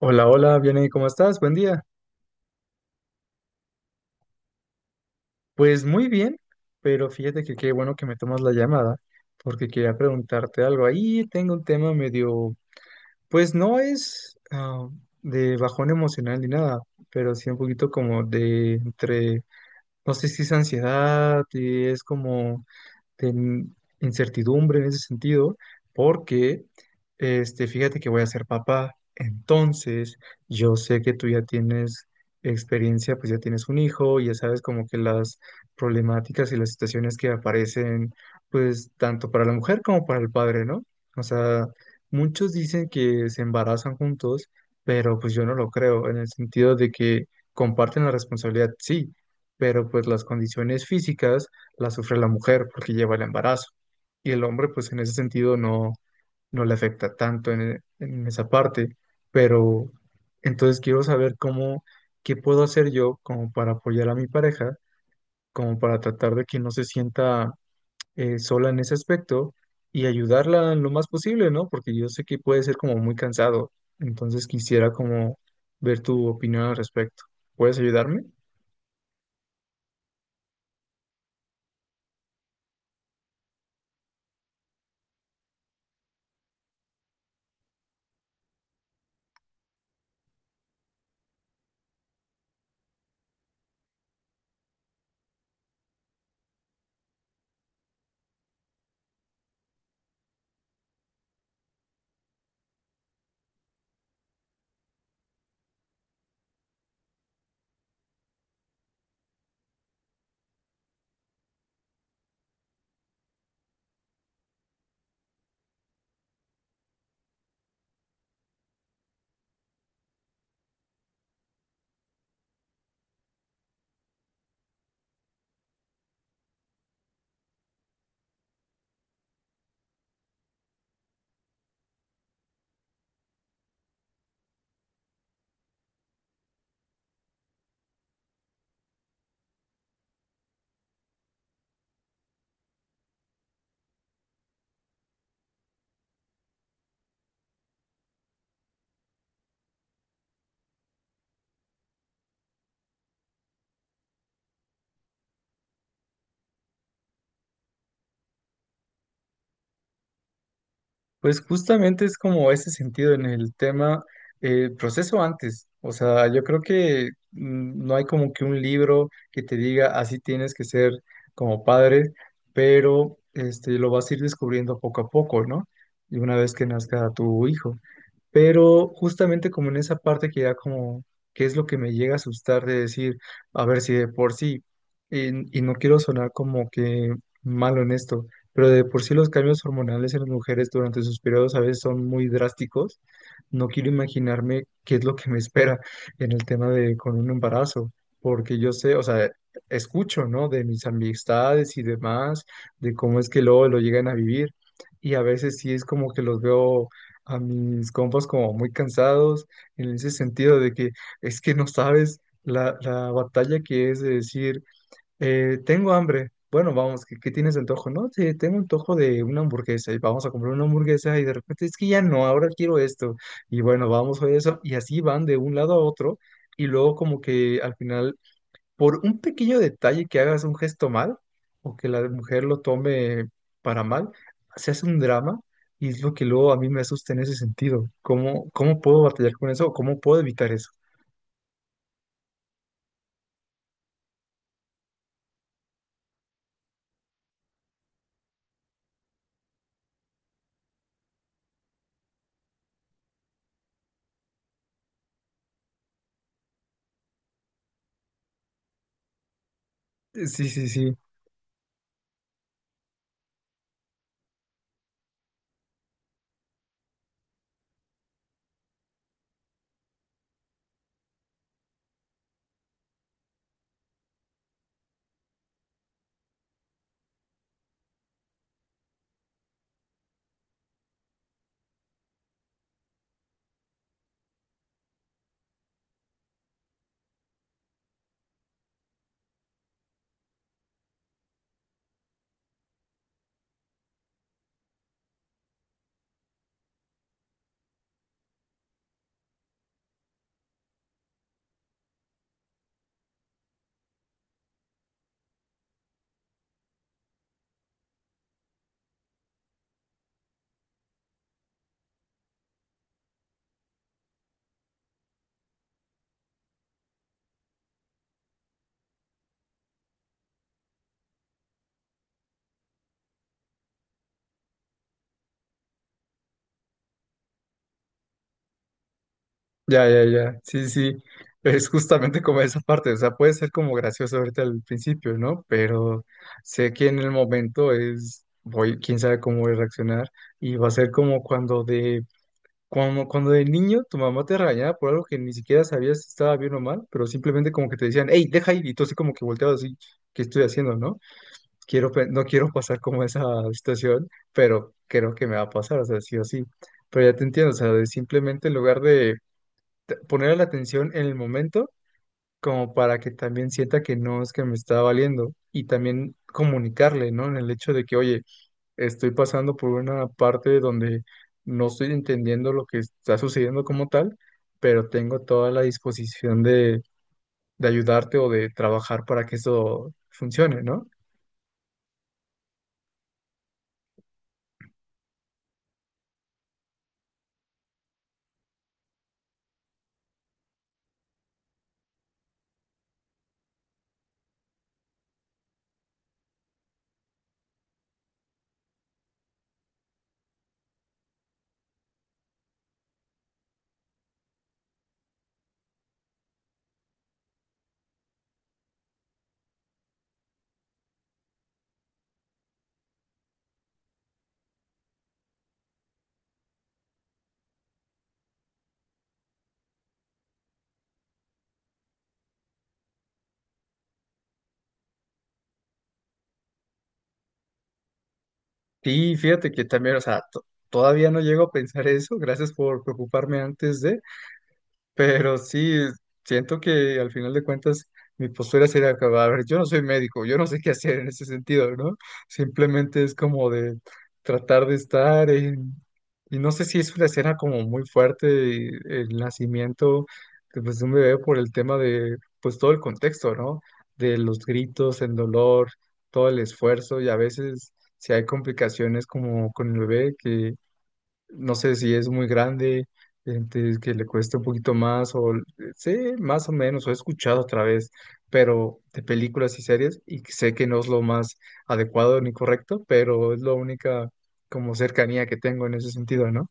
Hola, hola, bien, ¿y cómo estás? Buen día. Pues muy bien, pero fíjate que qué bueno que me tomas la llamada, porque quería preguntarte algo. Ahí tengo un tema medio, pues no es de bajón emocional ni nada, pero sí un poquito como de entre, no sé si es ansiedad y es como de incertidumbre en ese sentido, porque fíjate que voy a ser papá. Entonces, yo sé que tú ya tienes experiencia, pues ya tienes un hijo, ya sabes como que las problemáticas y las situaciones que aparecen, pues tanto para la mujer como para el padre, ¿no? O sea, muchos dicen que se embarazan juntos, pero pues yo no lo creo, en el sentido de que comparten la responsabilidad, sí, pero pues las condiciones físicas la sufre la mujer porque lleva el embarazo. Y el hombre, pues en ese sentido no, no le afecta tanto en esa parte. Pero entonces quiero saber cómo, qué puedo hacer yo como para apoyar a mi pareja, como para tratar de que no se sienta sola en ese aspecto y ayudarla en lo más posible, ¿no? Porque yo sé que puede ser como muy cansado. Entonces quisiera como ver tu opinión al respecto. ¿Puedes ayudarme? Pues justamente es como ese sentido en el tema proceso antes. O sea, yo creo que no hay como que un libro que te diga así tienes que ser como padre, pero lo vas a ir descubriendo poco a poco, ¿no? Y una vez que nazca tu hijo. Pero justamente como en esa parte que ya como, ¿qué es lo que me llega a asustar de decir, a ver si de por sí, y no quiero sonar como que malo en esto, pero de por sí los cambios hormonales en las mujeres durante sus periodos a veces son muy drásticos, no quiero imaginarme qué es lo que me espera en el tema de con un embarazo, porque yo sé, o sea, escucho, ¿no? De mis amistades y demás, de cómo es que luego lo llegan a vivir. Y a veces sí es como que los veo a mis compas como muy cansados en ese sentido de que es que no sabes la batalla que es de decir, tengo hambre. Bueno, vamos, qué tienes de antojo? No, sí, tengo antojo de una hamburguesa y vamos a comprar una hamburguesa y de repente es que ya no, ahora quiero esto. Y bueno, vamos a eso y así van de un lado a otro y luego como que al final por un pequeño detalle que hagas un gesto mal o que la mujer lo tome para mal, se hace un drama y es lo que luego a mí me asusta en ese sentido. ¿Cómo puedo batallar con eso o cómo puedo evitar eso? Sí, sí, sí, ya, ya, ya, sí, sí, es justamente como esa parte, o sea, puede ser como gracioso ahorita al principio, ¿no? Pero sé que en el momento es, voy, quién sabe cómo voy a reaccionar y va a ser como cuando de como cuando de niño tu mamá te regañaba por algo que ni siquiera sabías si estaba bien o mal, pero simplemente como que te decían, hey, deja ir, y tú así como que volteabas así, ¿qué estoy haciendo, no? No quiero pasar como esa situación, pero creo que me va a pasar, o sea, sí o sí. Pero ya te entiendo, o sea, de simplemente en lugar de poner la atención en el momento, como para que también sienta que no es que me está valiendo, y también comunicarle, ¿no? En el hecho de que, oye, estoy pasando por una parte donde no estoy entendiendo lo que está sucediendo como tal, pero tengo toda la disposición de ayudarte o de trabajar para que eso funcione, ¿no? Y fíjate que también, o sea, todavía no llego a pensar eso, gracias por preocuparme antes de... Pero sí, siento que al final de cuentas mi postura sería acabar. A ver, yo no soy médico, yo no sé qué hacer en ese sentido, ¿no? Simplemente es como de tratar de estar en... Y no sé si es una escena como muy fuerte y el nacimiento de, pues, de un bebé por el tema de, pues todo el contexto, ¿no? De los gritos, el dolor, todo el esfuerzo y a veces si hay complicaciones como con el bebé que no sé si es muy grande, entonces que le cueste un poquito más, sé más o menos, o he escuchado otra vez, pero de películas y series, y que sé que no es lo más adecuado ni correcto, pero es la única como cercanía que tengo en ese sentido, ¿no?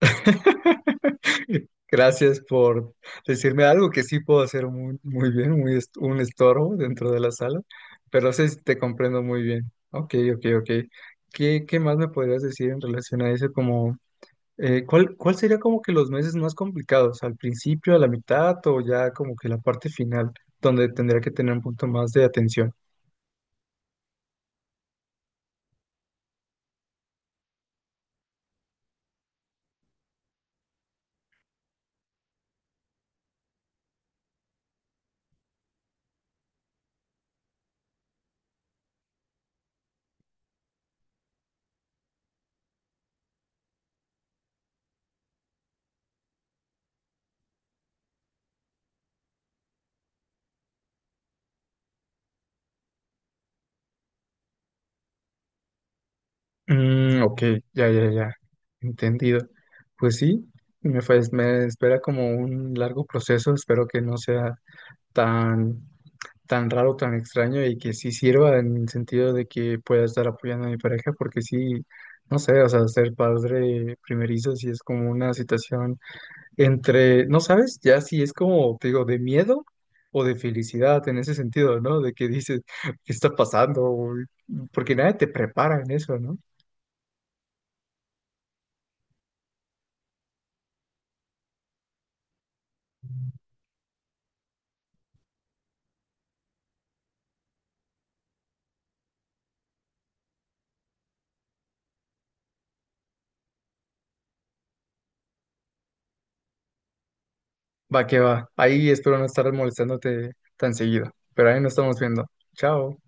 Gracias por decirme algo que sí puedo hacer muy, muy bien, un estorbo dentro de la sala, pero sí te comprendo muy bien. Ok, ok, ok. ¿Qué más me podrías decir en relación a eso? Cuál sería como que los meses más complicados? ¿Al principio, a la mitad o ya como que la parte final, donde tendría que tener un punto más de atención? Mm, ok, ya, ya, ya, entendido. Pues sí, me espera como un largo proceso, espero que no sea tan, tan raro, tan extraño y que sí sirva en el sentido de que pueda estar apoyando a mi pareja, porque sí, no sé, o sea, ser padre primerizo sí es como una situación entre, no sabes, ya si es como, te digo, de miedo o de felicidad en ese sentido, ¿no? De que dices, ¿qué está pasando? O- Porque nadie te prepara en eso, ¿no? Va que va. Ahí espero no estar molestándote tan seguido, pero ahí nos estamos viendo. Chao.